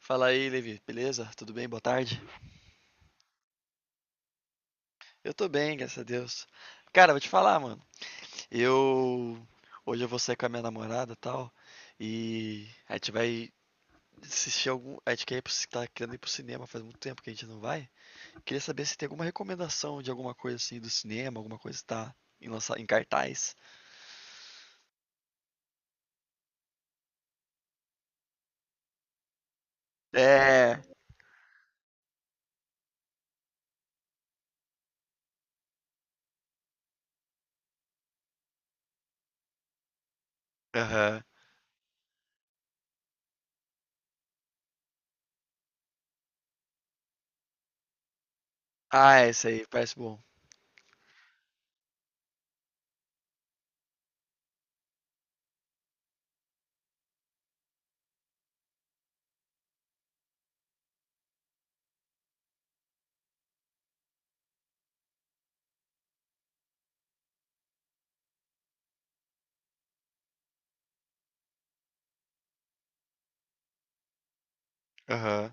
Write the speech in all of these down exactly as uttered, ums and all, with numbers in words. Fala aí, Levi. Beleza? Tudo bem? Boa tarde. Eu tô bem, graças a Deus. Cara, vou te falar, mano. Eu hoje eu vou sair com a minha namorada, e tal, e a gente vai assistir algum, a gente quer ir pro, tá querendo ir pro cinema, faz muito tempo que a gente não vai. Queria saber se tem alguma recomendação de alguma coisa assim do cinema, alguma coisa que tá em lança- em cartaz. É. Aham. Ah, esse aí parece bom. Aham.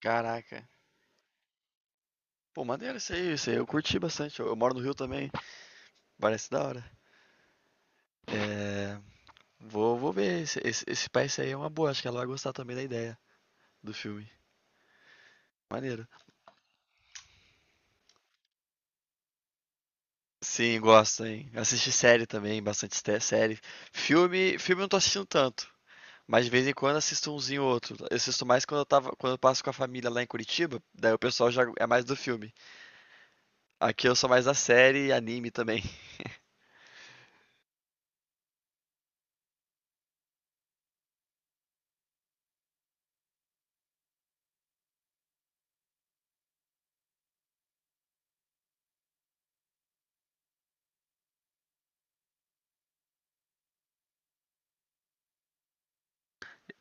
Caraca. Pô, maneiro isso aí, isso aí. Eu curti bastante. Eu, eu moro no Rio também. Parece da hora. É. Vou, vou ver. Esse, esse, esse Spice aí é uma boa. Acho que ela vai gostar também da ideia do filme. Maneiro. Sim, gosto, hein? Assisti série também, bastante ste- série. Filme, filme eu não tô assistindo tanto. Mas de vez em quando assisto umzinho ou outro. Eu assisto mais quando eu tava, quando eu passo com a família lá em Curitiba, daí o pessoal já é mais do filme. Aqui eu sou mais da série e anime também.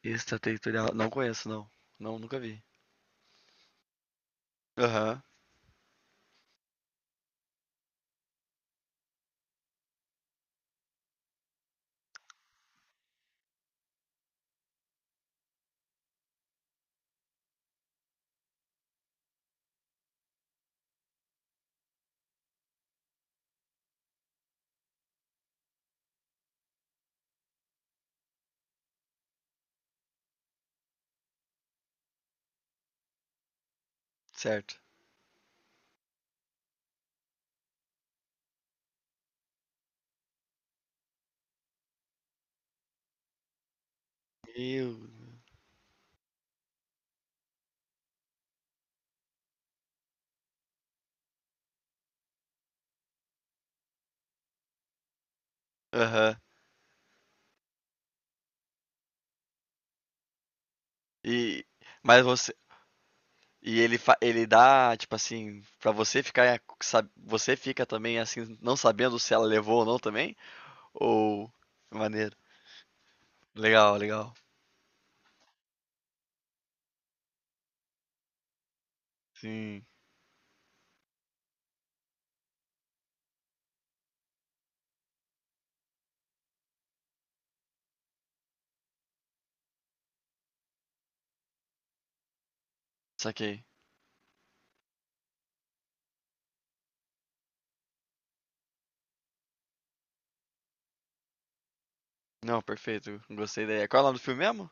Extraterritorial, não conheço, não. Não, nunca vi. Aham, certo. Meu. Aham. E mas você E ele, fa- ele dá, tipo assim, pra você ficar, sab- você fica também assim, não sabendo se ela levou ou não também? Ou é maneiro. Legal, legal. Sim, saquei. Não, perfeito. Gostei da ideia. Qual é o nome do filme mesmo?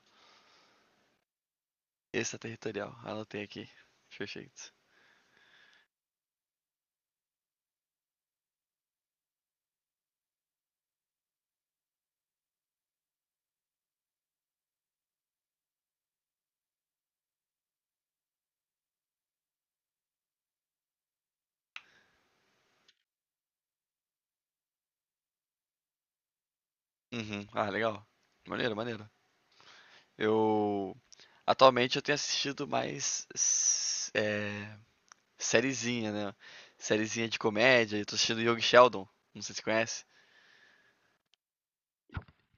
Extraterritorial. Anotei aqui. Perfeito. Uhum. Ah, legal. Maneiro, maneiro. Eu atualmente eu tenho assistido mais s- é, sériezinha, né? Sériezinha de comédia. Eu tô assistindo Young Sheldon. Não sei se você conhece.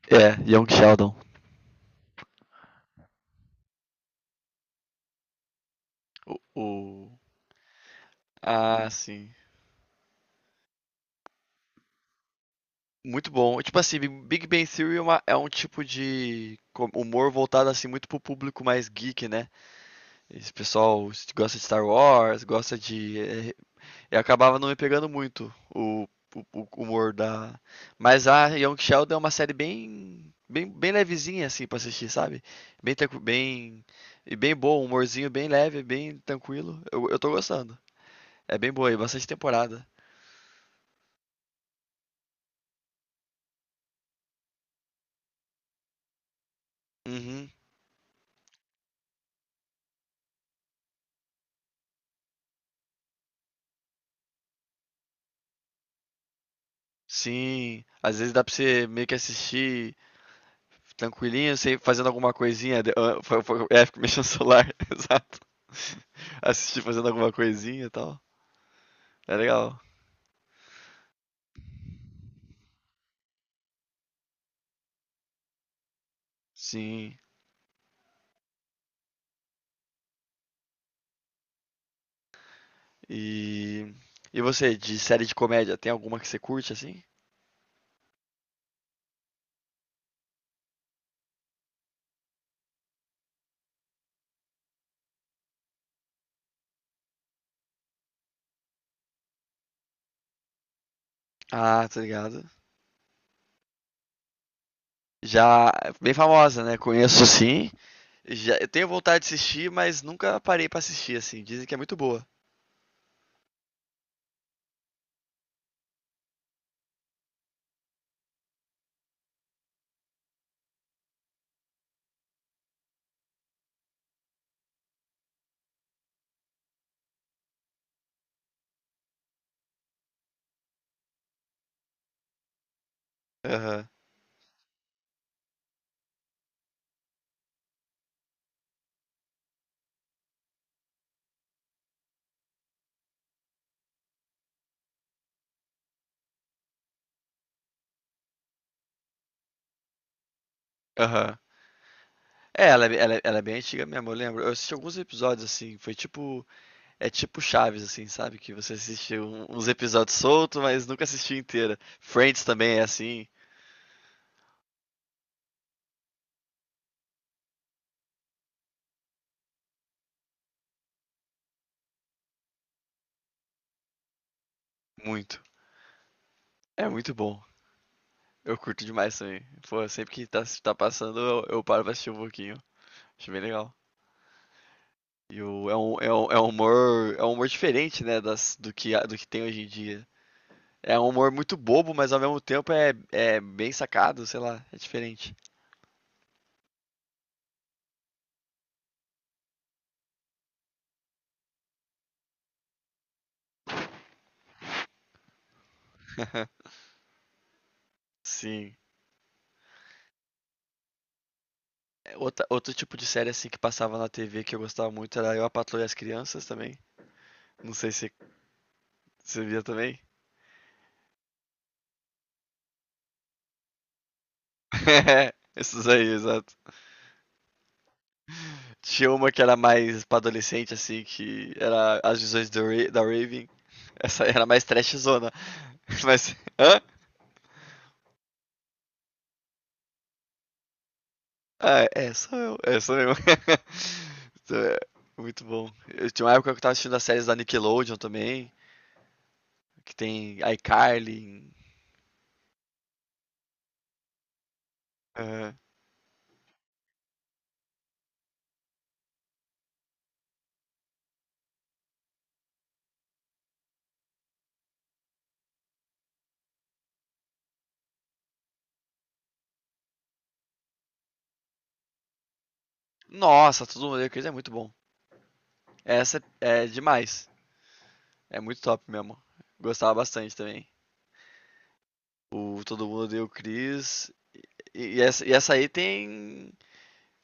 É, Young Sheldon. O, o- Ah, sim. Muito bom. Tipo assim, Big Big Bang Theory é, uma- é um tipo de co- humor voltado assim muito pro público mais geek, né? Esse pessoal s- gosta de Star Wars, gosta de. é, Eu acabava não me pegando muito o, o- o humor da. Mas a Young Sheldon é uma série bem, bem, bem levezinha assim pra assistir, sabe? Bem, tranqui- bem e bem bom, humorzinho bem leve, bem tranquilo. Eu, eu tô gostando. É bem boa e bastante temporada. Uhum. Sim, às vezes dá pra você meio que assistir tranquilinho, sem fazendo alguma coisinha. de- ah, fa- fa- É, fica mexendo no celular, exato. Assistir fazendo alguma coisinha e tal. É legal. Sim. E e você, de série de comédia, tem alguma que você curte assim? Ah, tá ligado. Já bem famosa, né? Conheço sim. Já eu tenho vontade de assistir, mas nunca parei pra assistir assim. Dizem que é muito boa. Aham. Aham. É, ela é ela é ela é bem antiga mesmo, eu lembro. Eu assisti alguns episódios, assim, foi tipo é tipo Chaves, assim, sabe, que você assiste um uns episódios solto, mas nunca assistiu inteira. Friends também é assim, muito. É muito bom. Eu curto demais também. Pô, sempre que tá tá passando, eu eu paro pra assistir um pouquinho. Acho bem legal. E o é um é um é um humor é um humor diferente, né, das do que a do que tem hoje em dia. É um humor muito bobo, mas ao mesmo tempo é é bem sacado, sei lá, é diferente. Sim. É, outra- outro tipo de série assim que passava na T V que eu gostava muito era Eu, a Patroa e as Crianças também. Não sei se você via também. Esses aí, exato. Tinha uma que era mais pra adolescente, assim, que era As Visões do Ra- da Raven. Essa era mais trashzona. Mas. Hã? Ah, é, sou eu. É, sou eu. Então, é, Muito bom. Eu tinha uma época que eu tava assistindo as séries da Nickelodeon também, que tem iCarly. Aham. Nossa, todo mundo odeia o Chris é muito bom. Essa é demais. É muito top mesmo. Gostava bastante também. O Todo Mundo Odeia o Chris. E, e essa, e essa aí tem,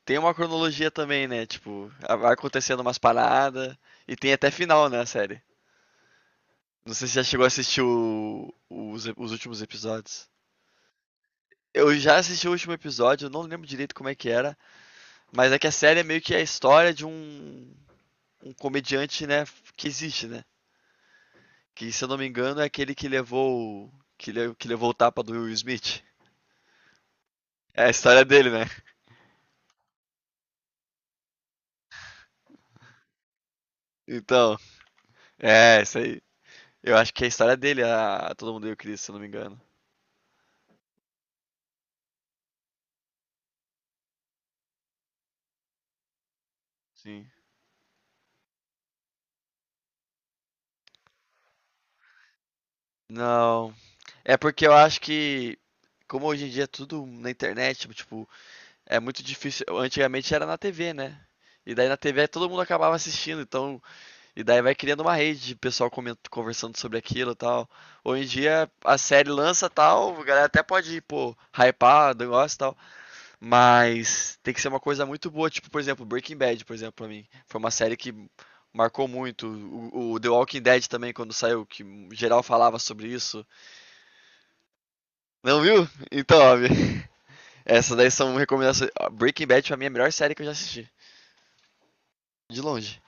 tem uma cronologia também, né? Tipo, vai acontecendo umas paradas. E tem até final, né, a série. Não sei se já chegou a assistir o- os, os últimos episódios. Eu já assisti o último episódio, eu não lembro direito como é que era, mas é que a série é meio que a história de um, um comediante, né, que existe, né? Que, se eu não me engano, é aquele que levou. o- Que, le- que levou o tapa do Will Smith. É a história dele, né? Então, é, isso aí. Eu acho que é a história dele, a Todo Mundo e o Chris, se eu não me engano. Sim. Não. É porque eu acho que. Como hoje em dia é tudo na internet, tipo, tipo, é muito difícil. Antigamente era na T V, né? E daí na T V todo mundo acabava assistindo, então E daí vai criando uma rede de pessoal coment- conversando sobre aquilo e tal. Hoje em dia a série lança tal, a galera até pode, pô, hypar, negócio e tal. Mas tem que ser uma coisa muito boa. Tipo, por exemplo, Breaking Bad, por exemplo, pra mim. Foi uma série que marcou muito. O, o The Walking Dead também, quando saiu, que geral falava sobre isso. Não viu? Então, ó, essas daí são recomendações. Breaking Bad pra mim é a melhor série que eu já assisti. De longe.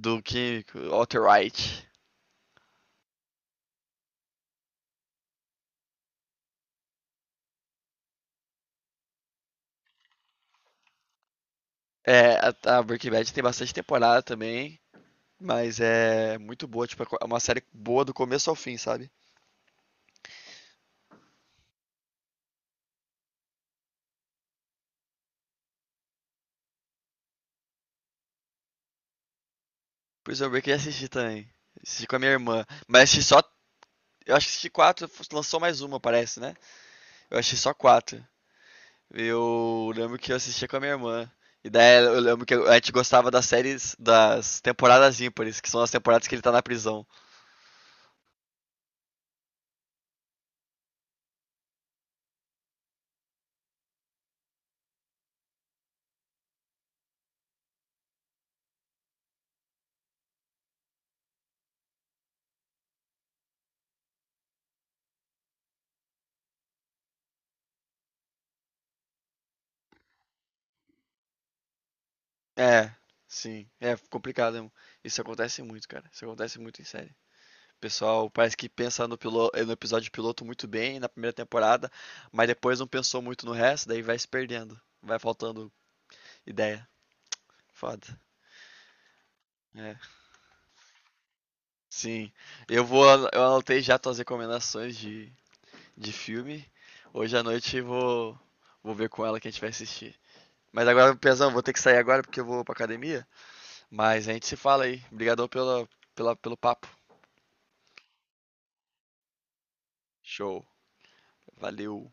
Do que Walter White. É, a, a Breaking Bad tem bastante temporada também, mas é muito boa, tipo, é uma série boa do começo ao fim, sabe? Prison Break eu já assisti também. Assisti com a minha irmã. Mas assisti só. Eu acho que assisti quatro, lançou mais uma, parece, né? Eu assisti só quatro. Eu lembro que eu assistia com a minha irmã. E daí eu lembro que a gente gostava das séries das temporadas ímpares, que são as temporadas que ele tá na prisão. É, sim. É complicado mesmo. Isso acontece muito, cara. Isso acontece muito em série. Pessoal parece que pensa no, pilo- eh, no episódio piloto muito bem na primeira temporada, mas depois não pensou muito no resto, daí vai se perdendo. Vai faltando ideia. Foda. É, sim. Eu vou. Eu anotei já tuas recomendações de, de filme. Hoje à noite vou, vou ver com ela que a gente vai assistir. Mas agora, Pezão, vou ter que sair agora porque eu vou pra academia. Mas a gente se fala aí. Obrigadão pela, pela, pelo papo. Show. Valeu.